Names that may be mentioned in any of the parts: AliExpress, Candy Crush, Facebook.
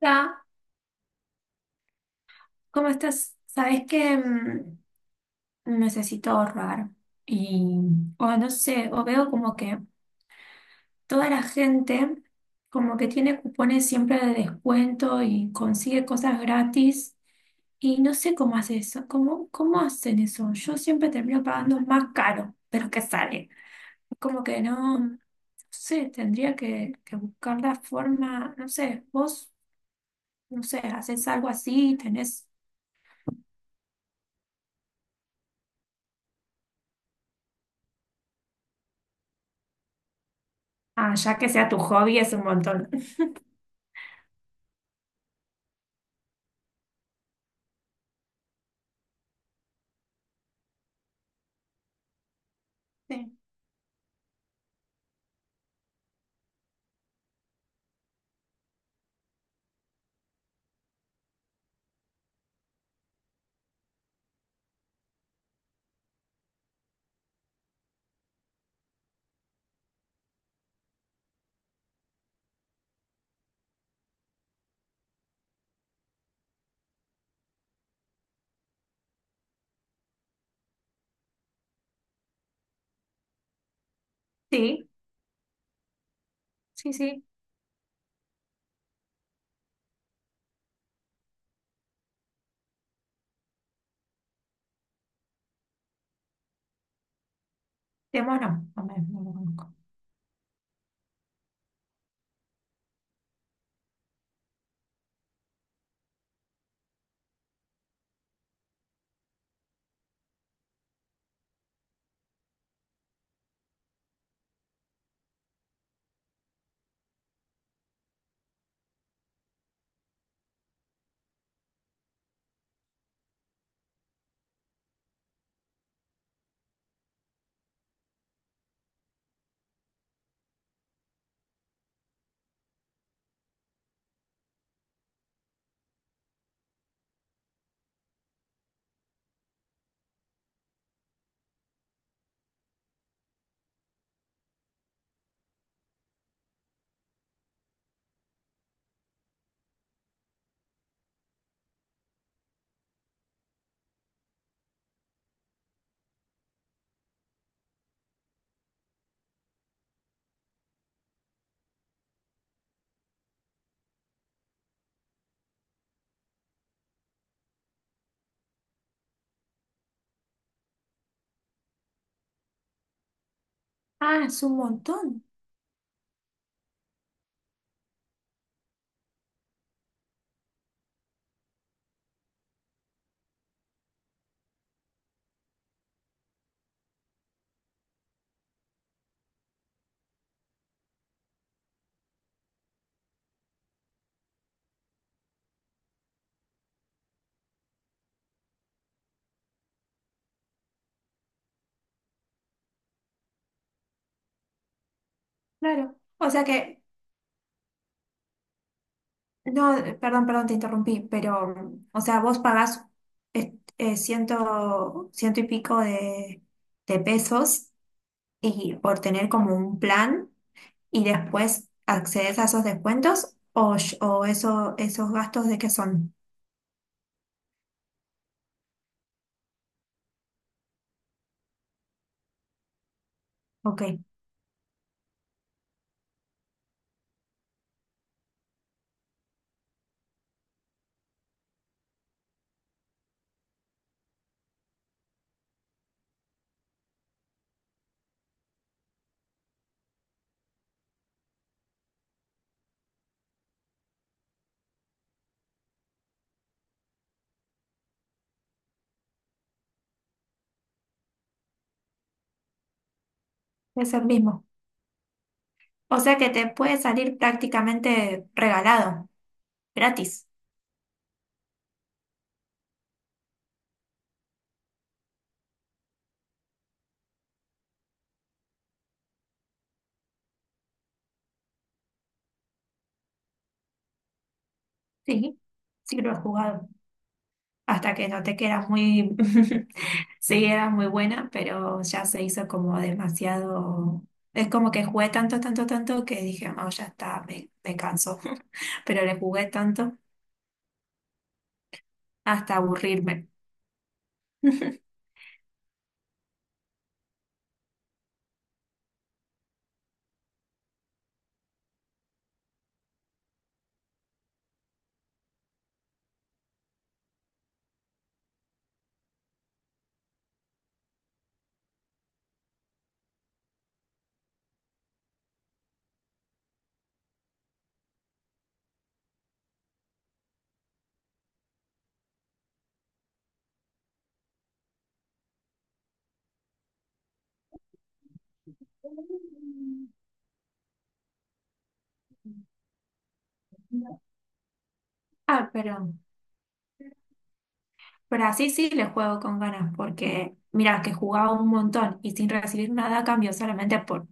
Hola, ¿cómo estás? Sabes que necesito ahorrar y, o no sé, o veo como que toda la gente como que tiene cupones siempre de descuento y consigue cosas gratis y no sé cómo hace eso, cómo, cómo hacen eso. Yo siempre termino pagando más caro de lo que sale. Como que no sé, tendría que buscar la forma, no sé, vos, no sé, haces algo así, tenés, ah, ya que sea tu hobby es un montón. Sí, sí, sí, sí. De mono, no lo conozco. Ah, es un montón, claro. O sea que, no, perdón, te interrumpí, pero, o sea, vos pagás ciento y pico de pesos y por tener como un plan y después accedes a esos descuentos o eso, esos gastos de qué son. Ok, es el mismo. O sea que te puede salir prácticamente regalado, gratis. Sí, sí lo he jugado. Hasta que noté que era muy, sí, era muy buena, pero ya se hizo como demasiado. Es como que jugué tanto, tanto, tanto que dije, no, ya está, me canso. Pero le jugué tanto hasta aburrirme. Ah, pero así sí le juego con ganas, porque mira, que jugaba un montón y sin recibir nada a cambio, solamente por,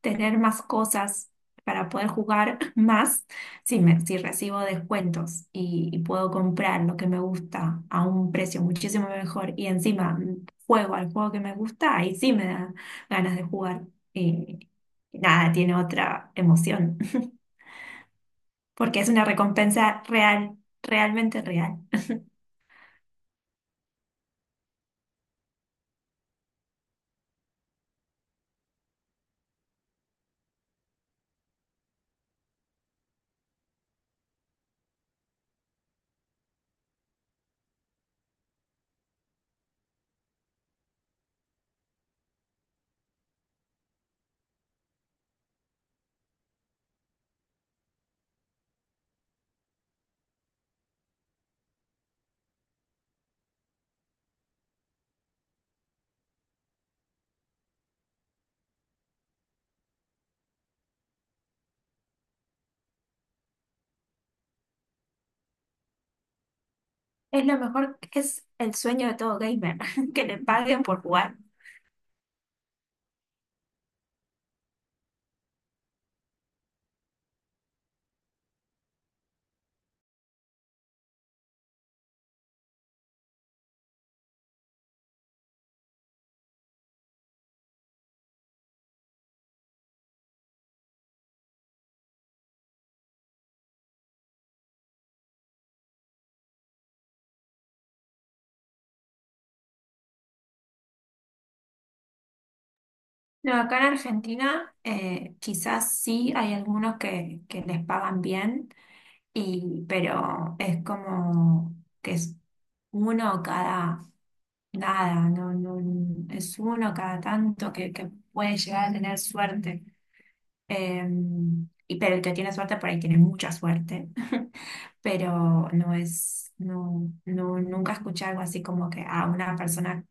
tener más cosas para poder jugar más si, si recibo descuentos y puedo comprar lo que me gusta a un precio muchísimo mejor y encima juego al juego que me gusta, ahí sí me da ganas de jugar. Y nada, tiene otra emoción, porque es una recompensa real, realmente real. Es lo mejor, es el sueño de todo gamer, que le paguen por jugar. No, acá en Argentina quizás sí hay algunos que les pagan bien, y, pero es como que es uno cada nada, no, no, es uno cada tanto que puede llegar a tener suerte. Eh, y, pero el que tiene suerte por ahí tiene mucha suerte, pero no es, nunca escuché algo así como que a una persona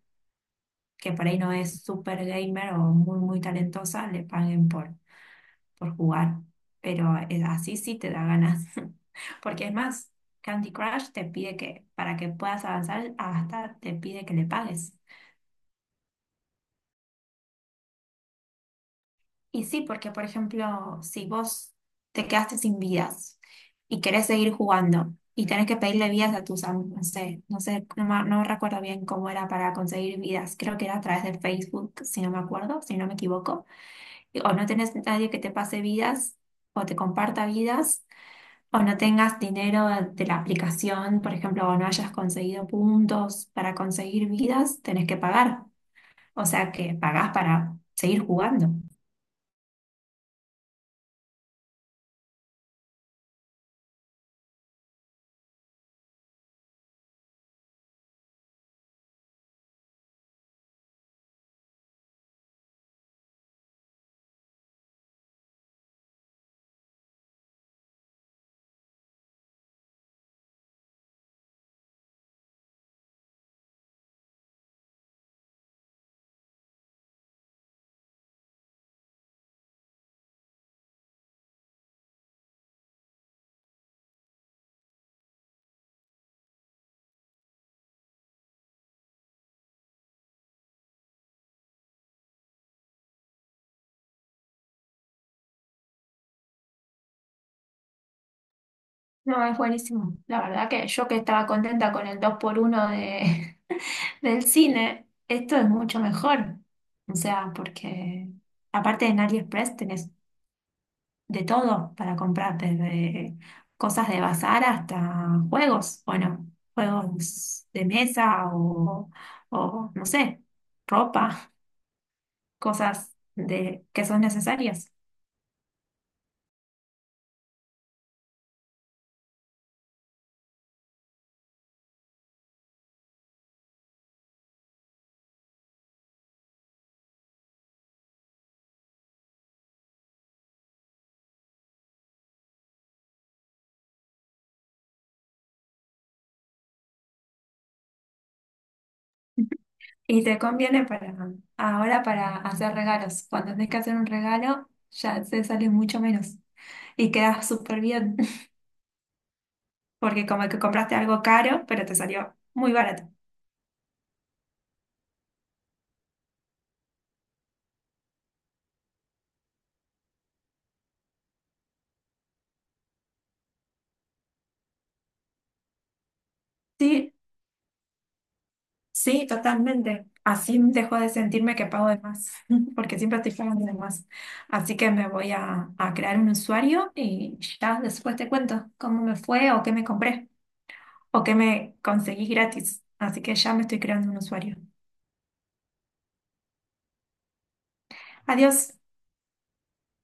que por ahí no es super gamer o muy, muy talentosa le paguen por jugar, pero así sí te da ganas, porque es más, Candy Crush te pide que, para que puedas avanzar, hasta te pide que le pagues. Y sí, porque por ejemplo, si vos te quedaste sin vidas y querés seguir jugando y tenés que pedirle vidas a tus amigos, no sé, no sé, no, no recuerdo bien cómo era para conseguir vidas, creo que era a través de Facebook, si no me acuerdo, si no me equivoco, o no tenés nadie que te pase vidas o te comparta vidas o no tengas dinero de la aplicación, por ejemplo, o no hayas conseguido puntos para conseguir vidas, tenés que pagar. O sea que pagás para seguir jugando. No, es buenísimo. La verdad que yo que estaba contenta con el dos por uno de, del cine, esto es mucho mejor. O sea, porque aparte en AliExpress tenés de todo para comprar, desde cosas de bazar hasta juegos, bueno, juegos de mesa o, no sé, ropa, cosas de, que son necesarias. Y te conviene para ahora para hacer regalos. Cuando tenés que hacer un regalo, ya te sale mucho menos y quedas súper bien, porque como que compraste algo caro, pero te salió muy barato. Sí, sí, totalmente. Así dejo de sentirme que pago de más, porque siempre estoy pagando de más. Así que me voy a crear un usuario y ya después te cuento cómo me fue o qué me compré o qué me conseguí gratis. Así que ya me estoy creando un usuario. Adiós.